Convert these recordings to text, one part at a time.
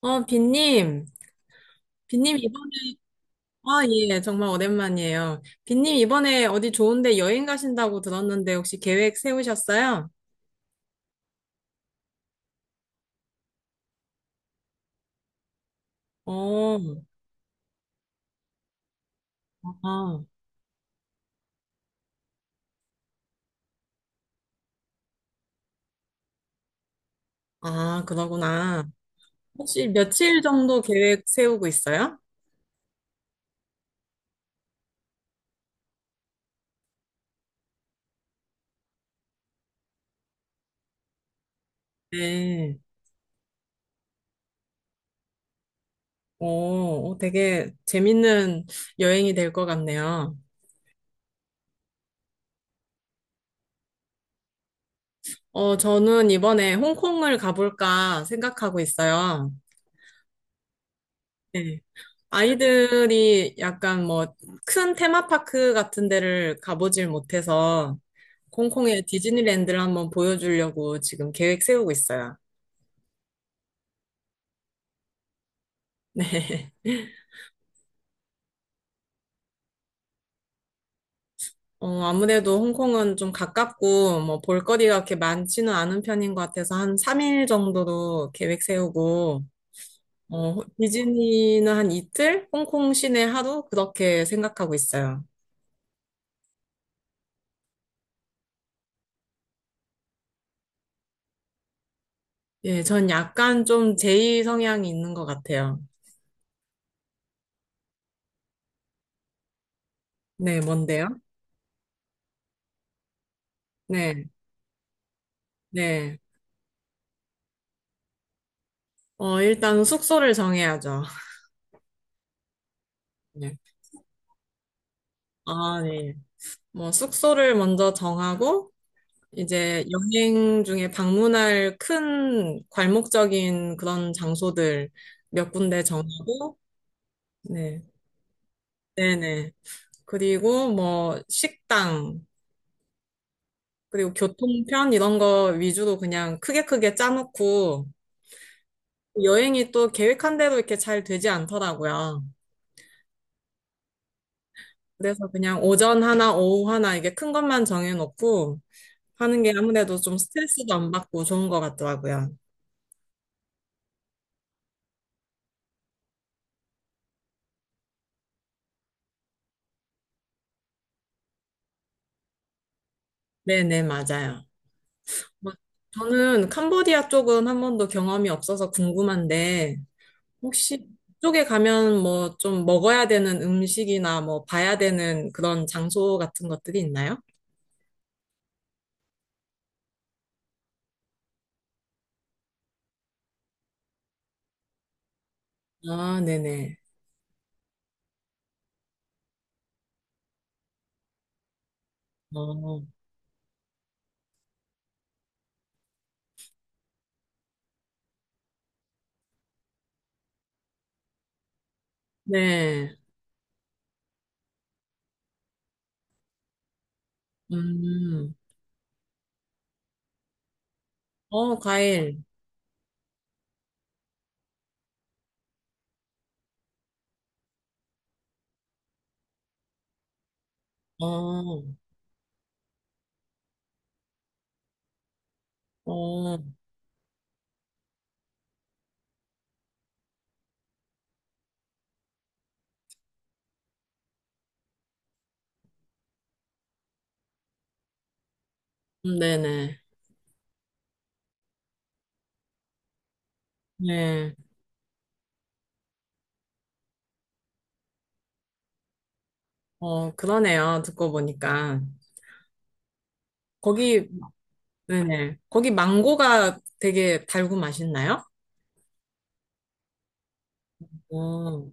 빈님, 빈님 이번에, 아, 예, 정말 오랜만이에요. 빈님 이번에 어디 좋은데 여행 가신다고 들었는데 혹시 계획 세우셨어요? 어, 아, 아, 그러구나. 혹시 며칠 정도 계획 세우고 있어요? 네. 오, 어, 되게 재밌는 여행이 될 것 같네요. 저는 이번에 홍콩을 가볼까 생각하고 있어요. 네. 아이들이 약간 뭐 큰 테마파크 같은 데를 가보질 못해서 홍콩의 디즈니랜드를 한번 보여주려고 지금 계획 세우고 있어요. 네. 아무래도 홍콩은 좀 가깝고 뭐 볼거리가 그렇게 많지는 않은 편인 것 같아서 한 3일 정도로 계획 세우고 디즈니는 한 이틀, 홍콩 시내 하루 그렇게 생각하고 있어요. 예, 전 약간 좀 제이 성향이 있는 것 같아요. 네, 뭔데요? 네, 네. 일단 숙소를 정해야죠. 네. 아, 네. 뭐, 숙소를 먼저 정하고, 이제 여행 중에 방문할 큰 괄목적인 그런 장소들 몇 군데 정하고, 네. 네네. 그리고 뭐, 식당, 그리고 교통편 이런 거 위주로 그냥 크게 크게 짜놓고, 여행이 또 계획한 대로 이렇게 잘 되지 않더라고요. 그래서 그냥 오전 하나, 오후 하나, 이게 큰 것만 정해놓고, 하는 게 아무래도 좀 스트레스도 안 받고 좋은 것 같더라고요. 네네, 맞아요. 막 저는 캄보디아 쪽은 한 번도 경험이 없어서 궁금한데, 혹시 그쪽에 가면 뭐 좀 먹어야 되는 음식이나 뭐 봐야 되는 그런 장소 같은 것들이 있나요? 아, 네네. 어, 네. 음, 어, 과일. 어, 어, 네네. 네. 어, 그러네요. 듣고 보니까. 거기 네네. 거기 망고가 되게 달고 맛있나요? 어.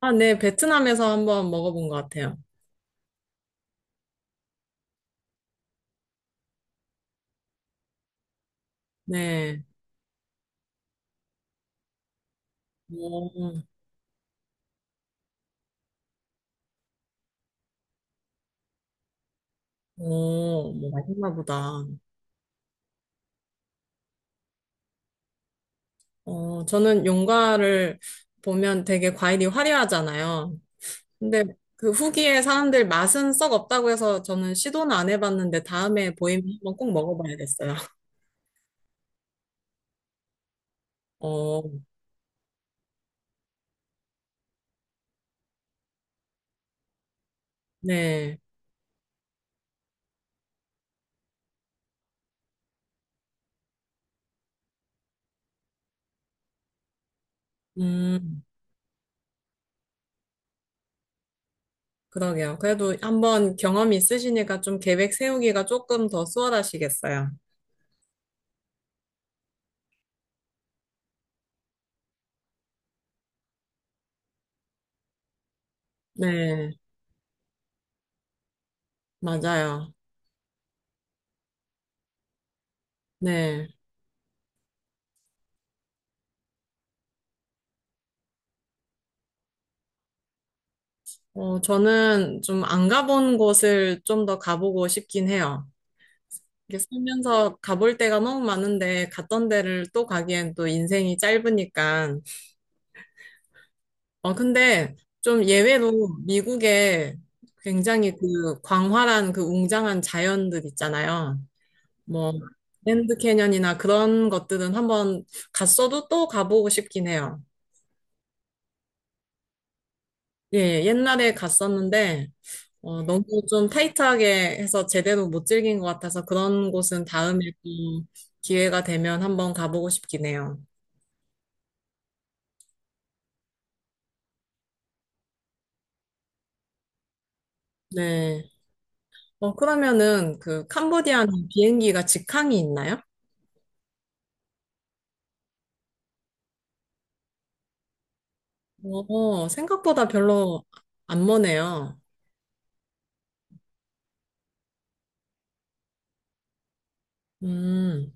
아, 네. 베트남에서 한번 먹어본 것 같아요. 네. 오, 오, 뭐 맛있나 보다. 저는 용과를 보면 되게 과일이 화려하잖아요. 근데 그 후기에 사람들 맛은 썩 없다고 해서 저는 시도는 안 해봤는데 다음에 보이면 한번 꼭 먹어봐야겠어요. 어, 네. 음, 그러게요. 그래도 한번 경험이 있으시니까 좀 계획 세우기가 조금 더 수월하시겠어요. 네, 맞아요. 네. 저는 좀 안 가본 곳을 좀 더 가보고 싶긴 해요. 이게 살면서 가볼 데가 너무 많은데 갔던 데를 또 가기엔 또 인생이 짧으니까. 근데 좀 예외로 미국에 굉장히 그 광활한 그 웅장한 자연들 있잖아요. 뭐, 그랜드 캐년이나 그런 것들은 한번 갔어도 또 가보고 싶긴 해요. 예, 옛날에 갔었는데, 어, 네. 너무 좀 타이트하게 해서 제대로 못 즐긴 것 같아서 그런 곳은 다음에 또 기회가 되면 한번 가보고 싶긴 해요. 네. 그러면은 그 캄보디아는 비행기가 직항이 있나요? 생각보다 별로 안 머네요. 음,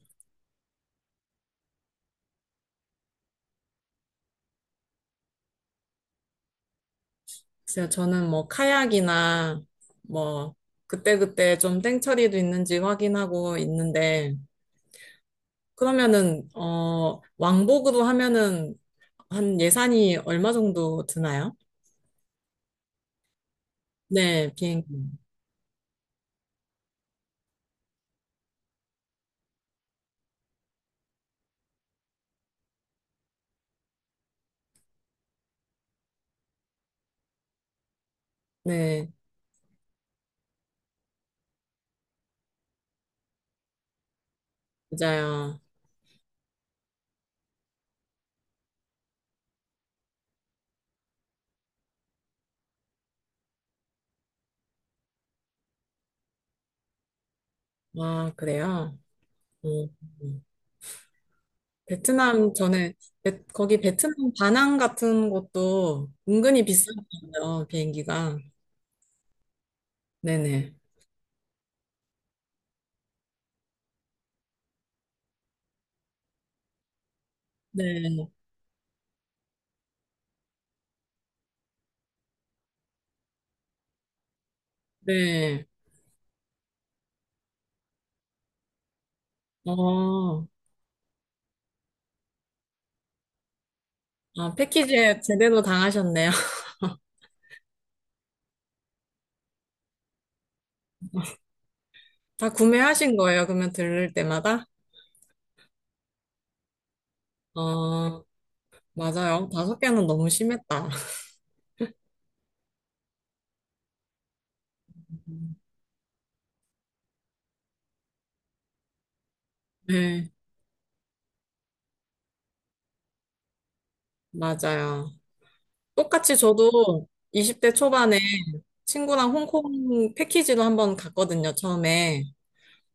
글쎄요, 저는 뭐 카약이나 뭐 그때그때 좀 땡처리도 있는지 확인하고 있는데, 그러면은, 왕복으로 하면은 한 예산이 얼마 정도 드나요? 네, 비행기. 네, 맞아요. 아, 그래요? 음, 음. 베트남, 저는, 거기 베트남 다낭 같은 곳도 은근히 비싸거든요, 비행기가. 네네. 네, 네. 어, 아, 패키지에 제대로 당하셨네요. 다 구매하신 거예요, 그러면 들를 때마다? 어, 맞아요. 다섯 개는 너무 심했다. 네, 맞아요. 똑같이 저도 20대 초반에 친구랑 홍콩 패키지로 한번 갔거든요, 처음에.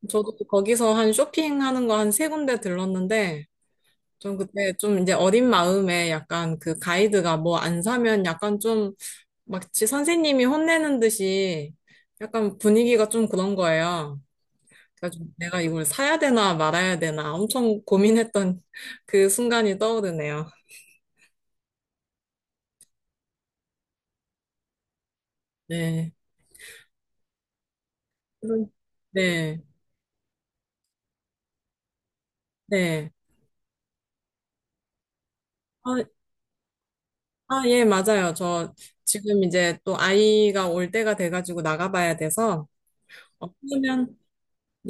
저도 거기서 한 쇼핑하는 거 한 세 군데 들렀는데, 좀 그때 좀 이제 어린 마음에 약간 그 가이드가 뭐 안 사면 약간 좀 마치 선생님이 혼내는 듯이 약간 분위기가 좀 그런 거예요. 그래서 좀 내가 이걸 사야 되나 말아야 되나 엄청 고민했던 그 순간이 떠오르네요. 네. 그런- 네. 네. 아, 아, 예, 맞아요. 저 지금 이제 또 아이가 올 때가 돼가지고 나가봐야 돼서, 그러면,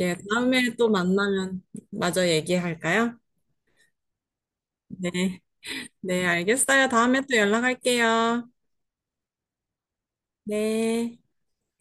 예, 다음에 또 만나면 마저 얘기할까요? 네, 네, 알겠어요. 다음에 또 연락할게요. 네.